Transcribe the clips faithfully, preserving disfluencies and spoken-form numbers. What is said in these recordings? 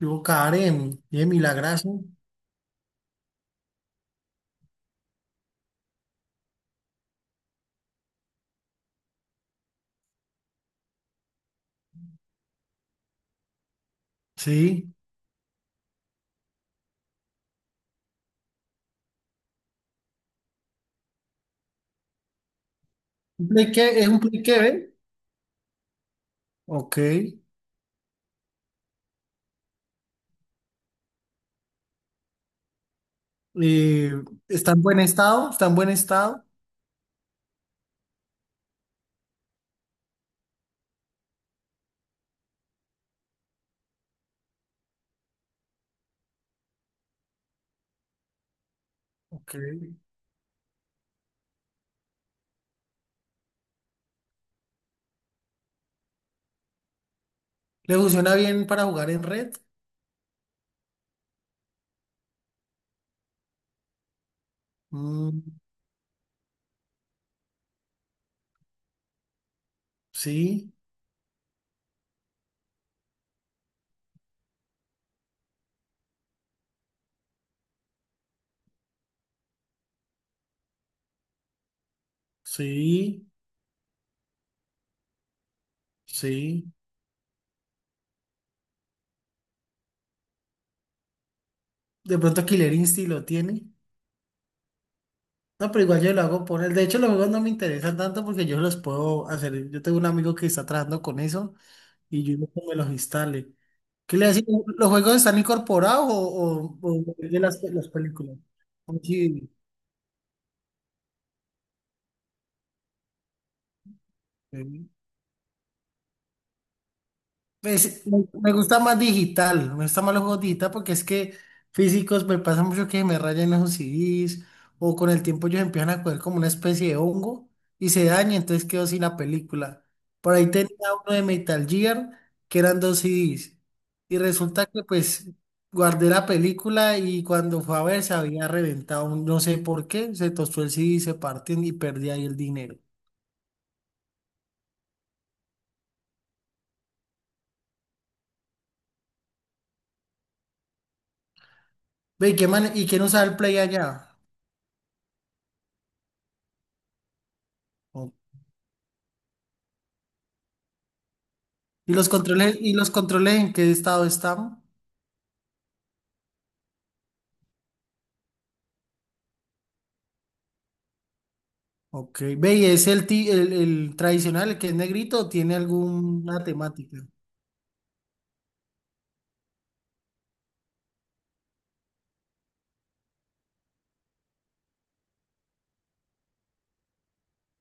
Yo, Karen, bien, milagrazo. Sí. ¿Un Play que, ¿es un Play que ve? Ok. Eh, ¿Está en buen estado? ¿Está en buen estado? Ok. ¿Le funciona bien para jugar en red? Mm, sí, sí, sí. De pronto Killer Instinct lo tiene. No, pero igual yo lo hago por él. De hecho, los juegos no me interesan tanto porque yo los puedo hacer. Yo tengo un amigo que está trabajando con eso y yo digo que me los instale. ¿Qué le decía? ¿Los juegos están incorporados o, o, o de las, las películas? Sí, sí. Pues, me me gusta más digital, me gusta más los juegos digital porque es que físicos me pasa mucho que me rayan esos C Ds o con el tiempo ellos empiezan a coger como una especie de hongo y se daña, entonces quedo sin la película. Por ahí tenía uno de Metal Gear que eran dos C Ds y resulta que pues guardé la película y cuando fue a ver se había reventado, un- no sé por qué, se tostó el C D, se partió y perdí ahí el dinero. Ve, ¿y qué man y quién usaba el Play allá? Ok. ¿Y los controles, y los controles en qué estado están? Ok. Ve, ¿y es el, ti- el, el tradicional, el que es negrito, o tiene alguna temática?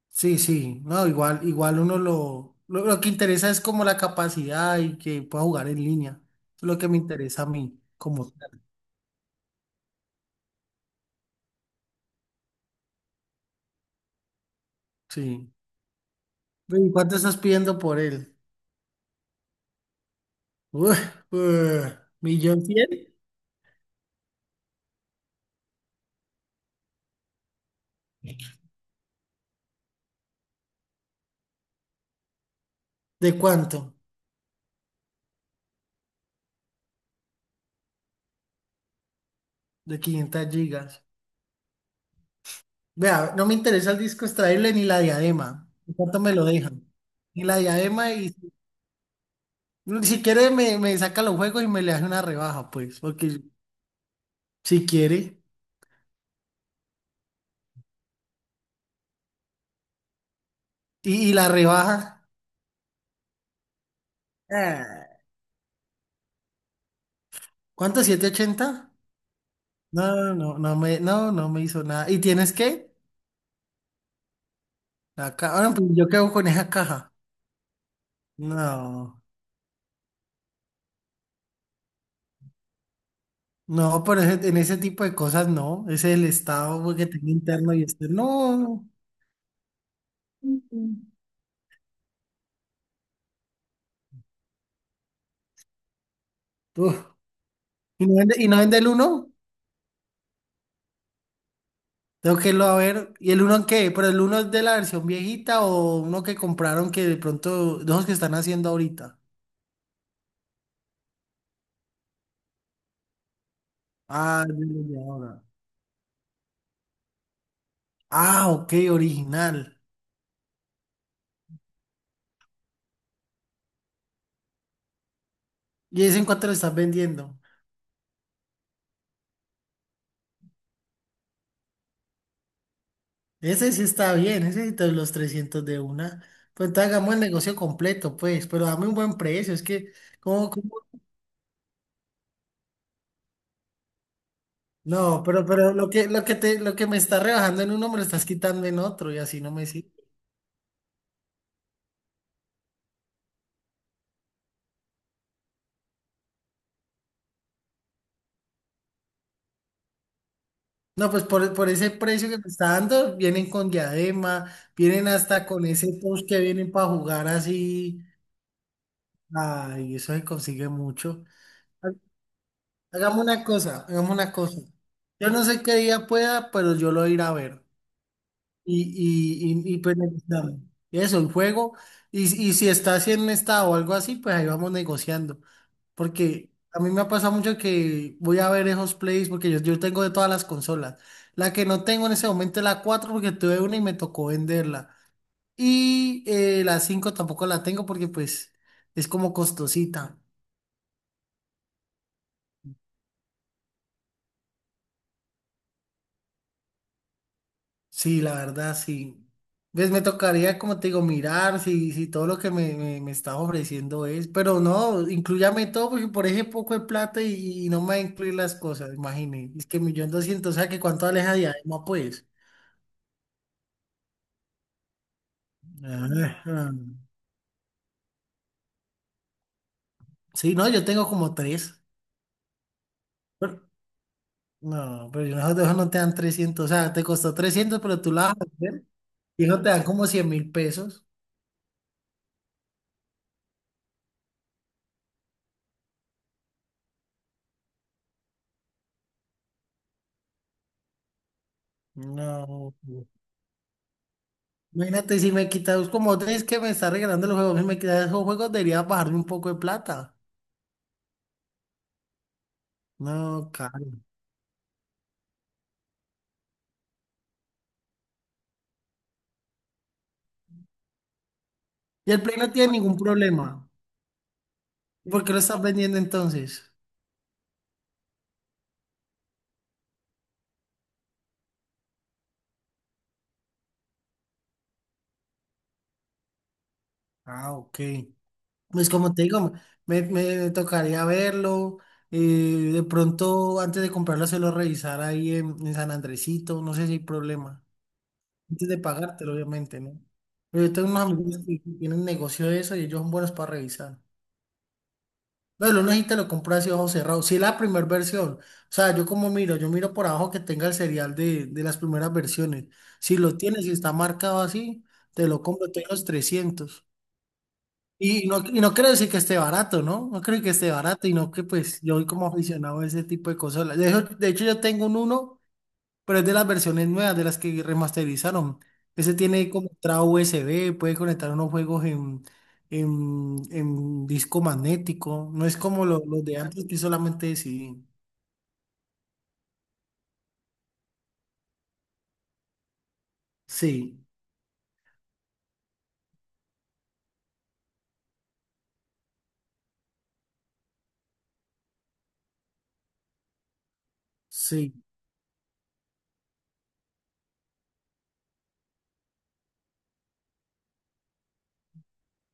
Sí, sí. No, igual, igual uno lo, lo, lo que interesa es como la capacidad y que pueda jugar en línea. Eso es lo que me interesa a mí, como tal. Sí. Ve, ¿y cuánto estás pidiendo por él? Uf, uf, ¿millón cien? ¿De cuánto? De quinientas gigas. Vea, no me interesa el disco extraíble ni la diadema. ¿Cuánto me lo dejan? Ni la diadema y si quiere me, me saca los juegos y me le hace una rebaja, pues, porque si quiere. Y, y la rebaja. Ah, ¿cuánto? ¿Siete ochenta? No, no, no me, no, no me hizo nada. ¿Y tienes qué? La ca- ah, no, pues yo quedo con esa caja. No, no, pero ese- en ese tipo de cosas no. Ese es el estado pues, que tengo interno y externo. No. Uf, ¿y no vende, y no vende el uno? Tengo que irlo a ver. ¿Y el uno en qué? ¿Pero el uno es de la versión viejita o uno que compraron que de pronto, de esos que están haciendo ahorita? Ah, es de los de ahora. Ah, ok, original. ¿Y ese en cuánto lo estás vendiendo? Ese sí está bien, ese sí te doy los trescientos de una. Pues entonces hagamos el negocio completo, pues, pero dame un buen precio, es que, ¿cómo, cómo? No, pero, pero lo que, lo que te, lo que me está rebajando en uno me lo estás quitando en otro y así no me sirve. No, pues por, por ese precio que me está dando, vienen con diadema, vienen hasta con ese post que vienen para jugar así. Ay, eso se consigue mucho. Ha- Hagamos una cosa, hagamos una cosa. Yo no sé qué día pueda, pero yo lo iré a ver. Y, y, y, y pues negociamos. Eso, el juego. Y, y si está así en estado o algo así, pues ahí vamos negociando. Porque a mí me ha pasado mucho que voy a ver esos plays porque yo, yo tengo de todas las consolas. La que no tengo en ese momento es la cuatro porque tuve una y me tocó venderla. Y eh, la cinco tampoco la tengo porque pues es como costosita. Sí, la verdad, sí. ¿Ves? Me tocaría, como te digo, mirar si, si todo lo que me, me, me está ofreciendo es. Pero no, incluyame todo porque por ese poco de plata y, y no me va a incluir las cosas, imagínate. Es que millón doscientos, o sea que cuánto aleja de Adema, pues. Ajá. Sí, no, yo tengo como tres. Pero- no, pero yo nosotros no te dan trescientos. O sea, te costó trescientos, pero tú la vas a hacer. Y eso te dan como cien mil pesos. No. Imagínate si me quitas, como tres que me está regalando los juegos, si me quitas esos juegos, debería bajarme un poco de plata. No, caro. Y el Play no tiene ningún problema. ¿Y por qué lo estás vendiendo entonces? Ah, ok. Pues como te digo, me, me tocaría verlo. Eh, de pronto, antes de comprarlo, se lo revisar ahí en, en San Andresito. No sé si hay problema. Antes de pagártelo, obviamente, ¿no? Pero yo tengo unos amigos que tienen negocio de eso y ellos son buenos para revisar. No, lo necesita lo compra así ojo cerrado. Si es la primera versión. O sea, yo como miro, yo miro por abajo que tenga el serial de, de las primeras versiones. Si lo tienes, si está marcado así, te lo compro, tengo los trescientos. Y no, y no creo decir que esté barato, ¿no? No creo que esté barato y no que pues yo soy como aficionado a ese tipo de consolas. De hecho, de hecho, yo tengo un uno, pero es de las versiones nuevas, de las que remasterizaron. Ese tiene como entrada U S B, puede conectar unos juegos en, en, en disco magnético. No es como lo- los de antes que solamente sí. Sí, sí.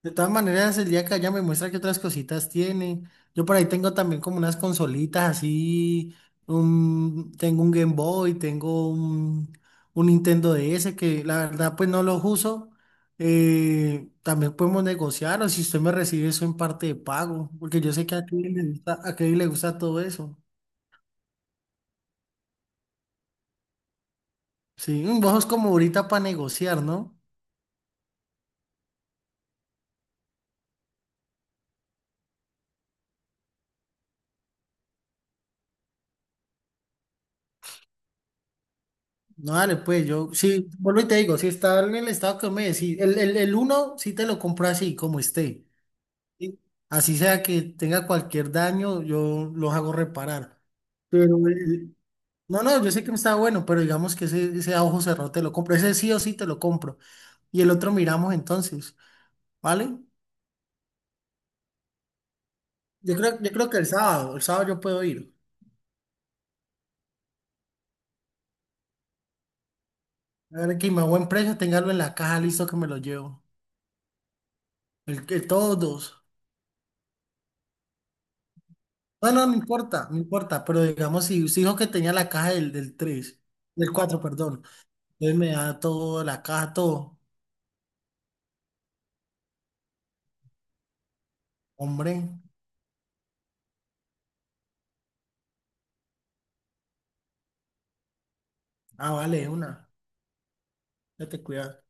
De todas maneras, el día que allá me muestra qué otras cositas tiene. Yo por ahí tengo también como unas consolitas así. Un- tengo un Game Boy, tengo un, un Nintendo D S que la verdad pues no los uso. Eh, también podemos negociar o si usted me recibe eso en parte de pago, porque yo sé que a Kevin le gusta, a Kevin le gusta todo eso. Sí, mm, vos sos como ahorita para negociar, ¿no? No, dale, pues yo, sí, vuelvo y te digo, si está en el estado que me decís, el, el, el uno sí te lo compro así, como esté. ¿Sí? Así sea que tenga cualquier daño, yo los hago reparar. Pero, eh, no, no, yo sé que no está bueno, pero digamos que ese, ese a ojo cerrado te lo compro. Ese sí o sí te lo compro. Y el otro miramos entonces, ¿vale? Yo creo, yo creo que el sábado, el sábado yo puedo ir. A ver que me a buen precio, téngalo en la caja, listo que me lo llevo. El, el- todos dos. No, no no importa, no importa, pero digamos, si usted dijo que tenía la caja del, del tres del cuatro perdón, entonces me da todo, la caja, todo. Hombre, ah, vale, una. Date cuidado.